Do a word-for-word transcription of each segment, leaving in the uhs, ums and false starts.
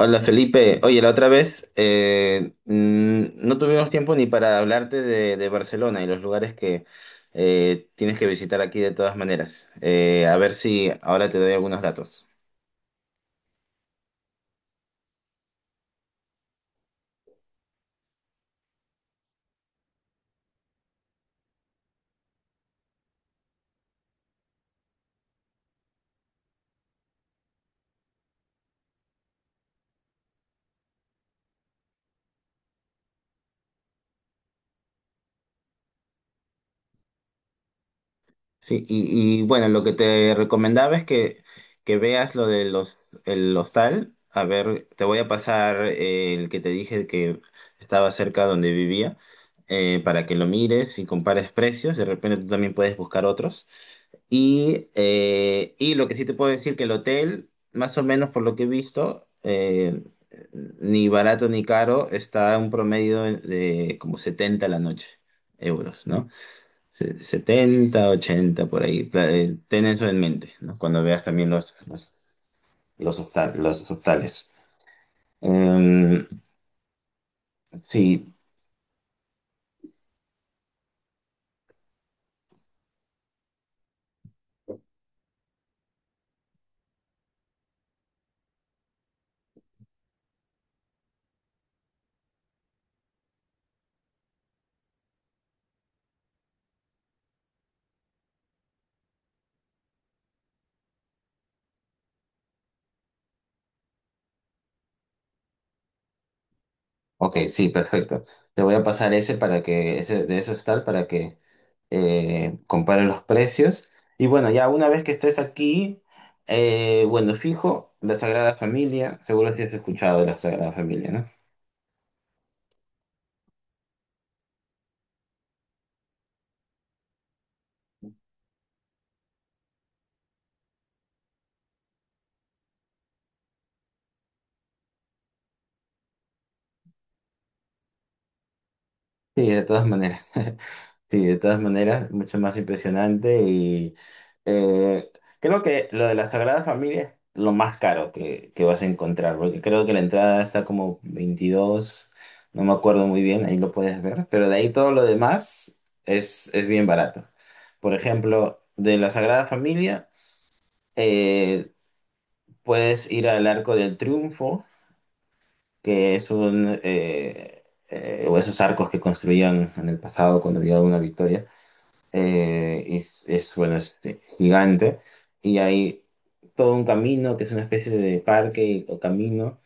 Hola Felipe, oye, la otra vez eh, mm, no tuvimos tiempo ni para hablarte de, de Barcelona y los lugares que eh, tienes que visitar aquí de todas maneras. Eh, a ver si ahora te doy algunos datos. Sí, y, y, bueno, lo que te recomendaba es que, que veas lo de los, el hostal. A ver, te voy a pasar eh, el que te dije que estaba cerca donde vivía, eh, para que lo mires y compares precios. De repente tú también puedes buscar otros. Y, eh, y lo que sí te puedo decir que el hotel, más o menos por lo que he visto, eh, ni barato ni caro, está a un promedio de como setenta a la noche, euros, ¿no? Se- setenta, ochenta por ahí. Pla- eh, Ten eso en mente, ¿no? Cuando veas también los, los, los hostal- los hostales. Eh, sí. Ok, sí, perfecto. Te voy a pasar ese para que, ese de esos tal, para que eh, compare los precios. Y bueno, ya una vez que estés aquí, eh, bueno, fijo, la Sagrada Familia, seguro que has escuchado de la Sagrada Familia, ¿no? Sí, de todas maneras. Sí, de todas maneras, mucho más impresionante y eh, creo que lo de la Sagrada Familia es lo más caro que, que vas a encontrar, porque creo que la entrada está como veintidós, no me acuerdo muy bien, ahí lo puedes ver, pero de ahí todo lo demás es, es bien barato. Por ejemplo, de la Sagrada Familia eh, puedes ir al Arco del Triunfo, que es un... eh, eh, o esos arcos que construían en el pasado cuando había una victoria. eh, es, es, bueno, es este, gigante. Y hay todo un camino que es una especie de parque o camino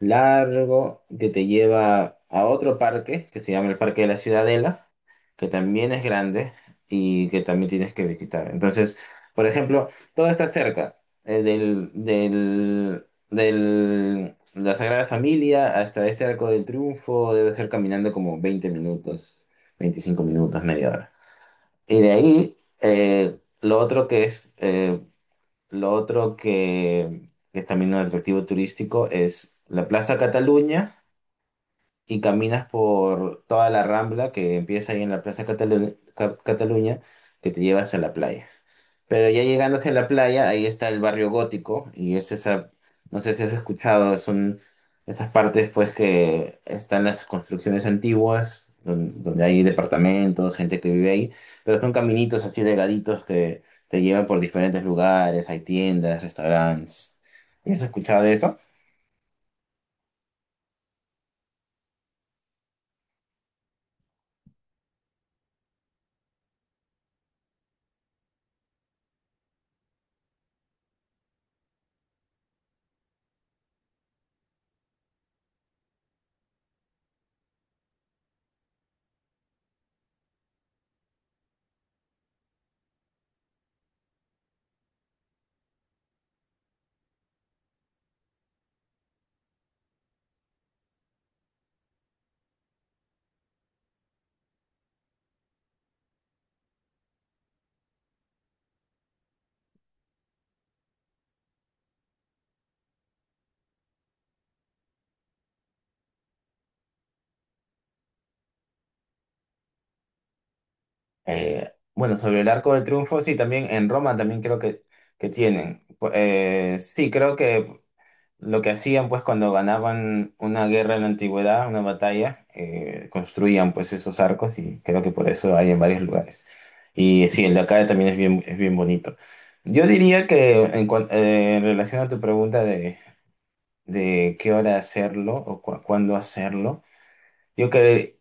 largo que te lleva a otro parque que se llama el Parque de la Ciudadela, que también es grande y que también tienes que visitar. Entonces, por ejemplo, todo está cerca, eh, del, del, del- la Sagrada Familia hasta este Arco del Triunfo, debe ser caminando como veinte minutos, veinticinco minutos, media hora. Y de ahí, eh, lo otro que es, eh, lo otro que, que es también un atractivo turístico es la Plaza Cataluña y caminas por toda la Rambla que empieza ahí en la Plaza Catalu- Ca- Cataluña que te lleva hasta la playa. Pero ya llegando hacia la playa, ahí está el barrio gótico y es esa, no sé si has escuchado, son esas partes pues que están las construcciones antiguas, don- donde hay departamentos, gente que vive ahí, pero son caminitos así delgaditos que te llevan por diferentes lugares, hay tiendas, restaurantes. ¿Has escuchado de eso? Eh, bueno, sobre el Arco del Triunfo, sí, también en Roma también creo que, que tienen. Pu- eh, sí, creo que lo que hacían, pues, cuando ganaban una guerra en la antigüedad, una batalla, eh, construían, pues, esos arcos y creo que por eso hay en varios lugares. Y sí, el de acá también es bien, es bien bonito. Yo diría que en, cuan- eh, en relación a tu pregunta de, de qué hora hacerlo o cu- cuándo hacerlo, yo, cre-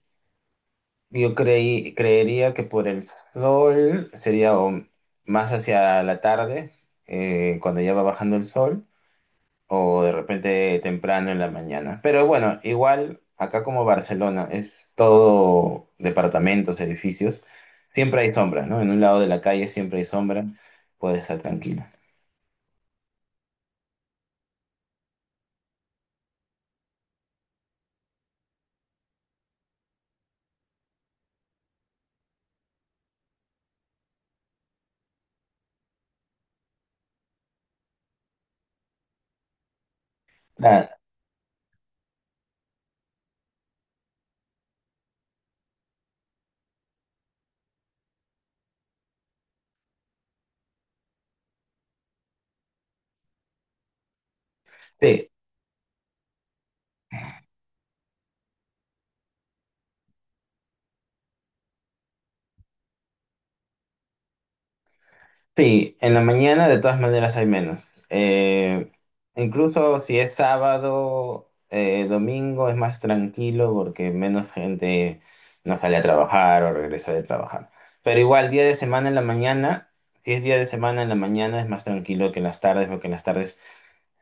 yo creí, creería que por el sol sería o más hacia la tarde, eh, cuando ya va bajando el sol o de repente temprano en la mañana. Pero bueno, igual acá como Barcelona es todo departamentos, edificios, siempre hay sombra, ¿no? En un lado de la calle siempre hay sombra, puedes estar tranquilo. Nada, sí. Sí, en la mañana de todas maneras hay menos. Eh, incluso si es sábado, eh, domingo es más tranquilo porque menos gente no sale a trabajar o regresa de trabajar. Pero igual, día de semana en la mañana, si es día de semana en la mañana es más tranquilo que en las tardes, porque en las tardes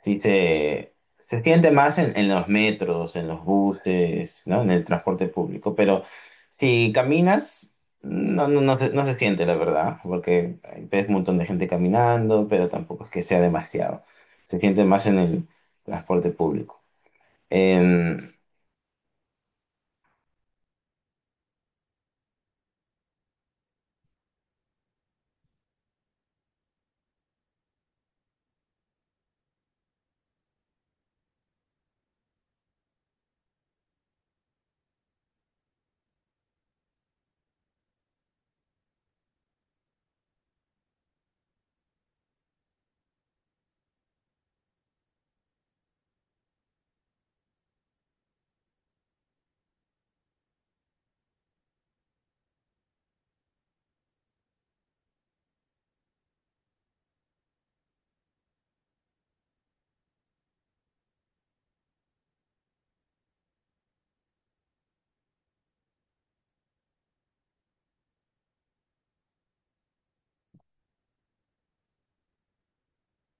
sí, se, se siente más en, en los metros, en los buses, ¿no? En el transporte público, pero si caminas, no, no, no se, no se siente, la verdad, porque hay- ves un montón de gente caminando, pero tampoco es que sea demasiado. Se siente más en el transporte público. Em,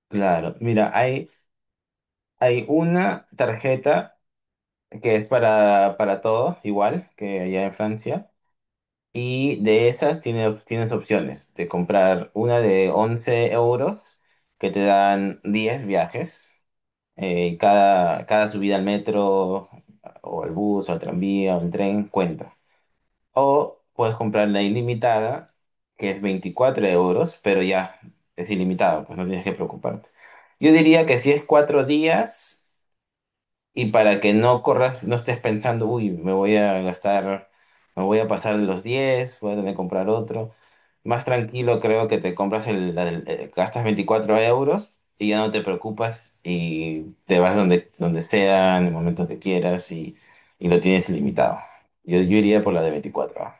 claro, mira, hay, hay una tarjeta que es para, para todo, igual que allá en Francia. Y de esas tienes, tienes opciones de comprar una de once euros que te dan diez viajes. Eh, cada, cada subida al metro o al bus o al tranvía o al tren cuenta. O puedes comprar la ilimitada que es veinticuatro euros, pero ya es ilimitado, pues no tienes que preocuparte. Yo diría que si es cuatro días y para que no corras, no estés pensando, uy, me voy a gastar, me voy a pasar de los diez, voy a tener que comprar otro. Más tranquilo creo que te compras el, la del- eh, gastas veinticuatro euros y ya no te preocupas y te vas donde, donde sea, en el momento que quieras, y, y lo tienes ilimitado. Yo, yo iría por la de veinticuatro, ah.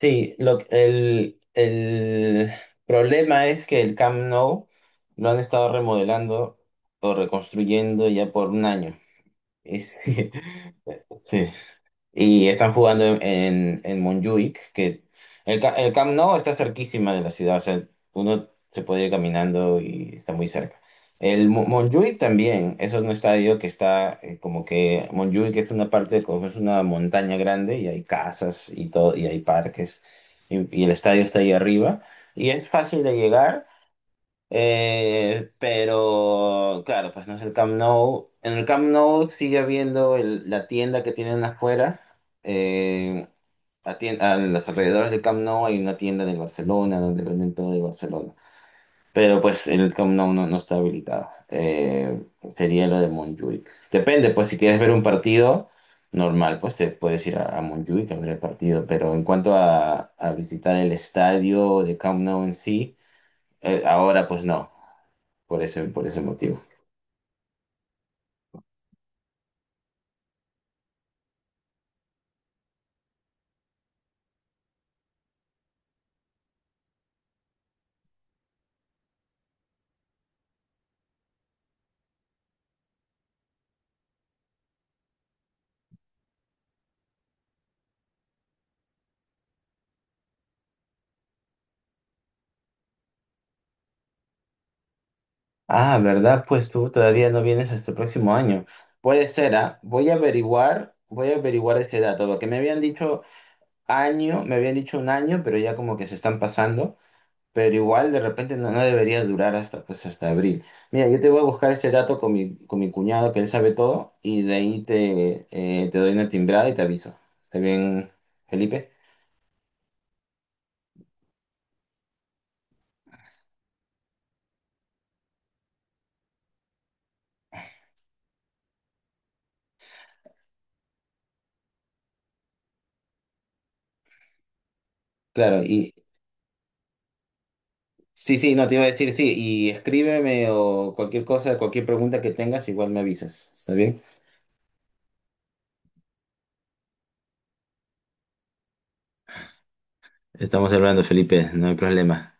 Sí, lo, el, el problema es que el Camp Nou lo han estado remodelando o reconstruyendo ya por un año. Y sí, sí. Y están jugando en, en, en Montjuic, que el, ca- el Camp Nou está cerquísima de la ciudad, o sea, uno se puede ir caminando y está muy cerca. El Mo- Montjuic también, eso es un estadio que está, eh, como que Montjuic es una parte, como es una montaña grande y hay casas y todo, y hay parques, y, y el estadio está ahí arriba, y es fácil de llegar. Eh, pero claro, pues no es el Camp Nou. En el Camp Nou sigue habiendo el- la tienda que tienen afuera. Eh, a, tien- a los alrededores del Camp Nou hay una tienda de Barcelona donde venden todo de Barcelona. Pero pues el Camp Nou no, no está habilitado. Eh, sería lo de Montjuic. Depende, pues si quieres ver un partido normal, pues te puedes ir a, a Montjuic a ver el partido. Pero en cuanto a, a visitar el estadio de Camp Nou en sí, eh, ahora pues no, por ese, por ese motivo. Ah, ¿verdad? Pues tú todavía no vienes hasta el próximo año. Puede ser, ¿ah? Voy a averiguar, voy a averiguar ese dato, porque me habían dicho año, me habían dicho un año, pero ya como que se están pasando, pero igual de repente no, no debería durar hasta, pues, hasta abril. Mira, yo te voy a buscar ese dato con mi, con mi cuñado, que él sabe todo, y de ahí te, eh, te doy una timbrada y te aviso. ¿Está bien, Felipe? Claro, y sí, sí, no te iba a decir, sí, y escríbeme o cualquier cosa, cualquier pregunta que tengas, igual me avisas. ¿Está bien? Estamos hablando, Felipe, no hay problema.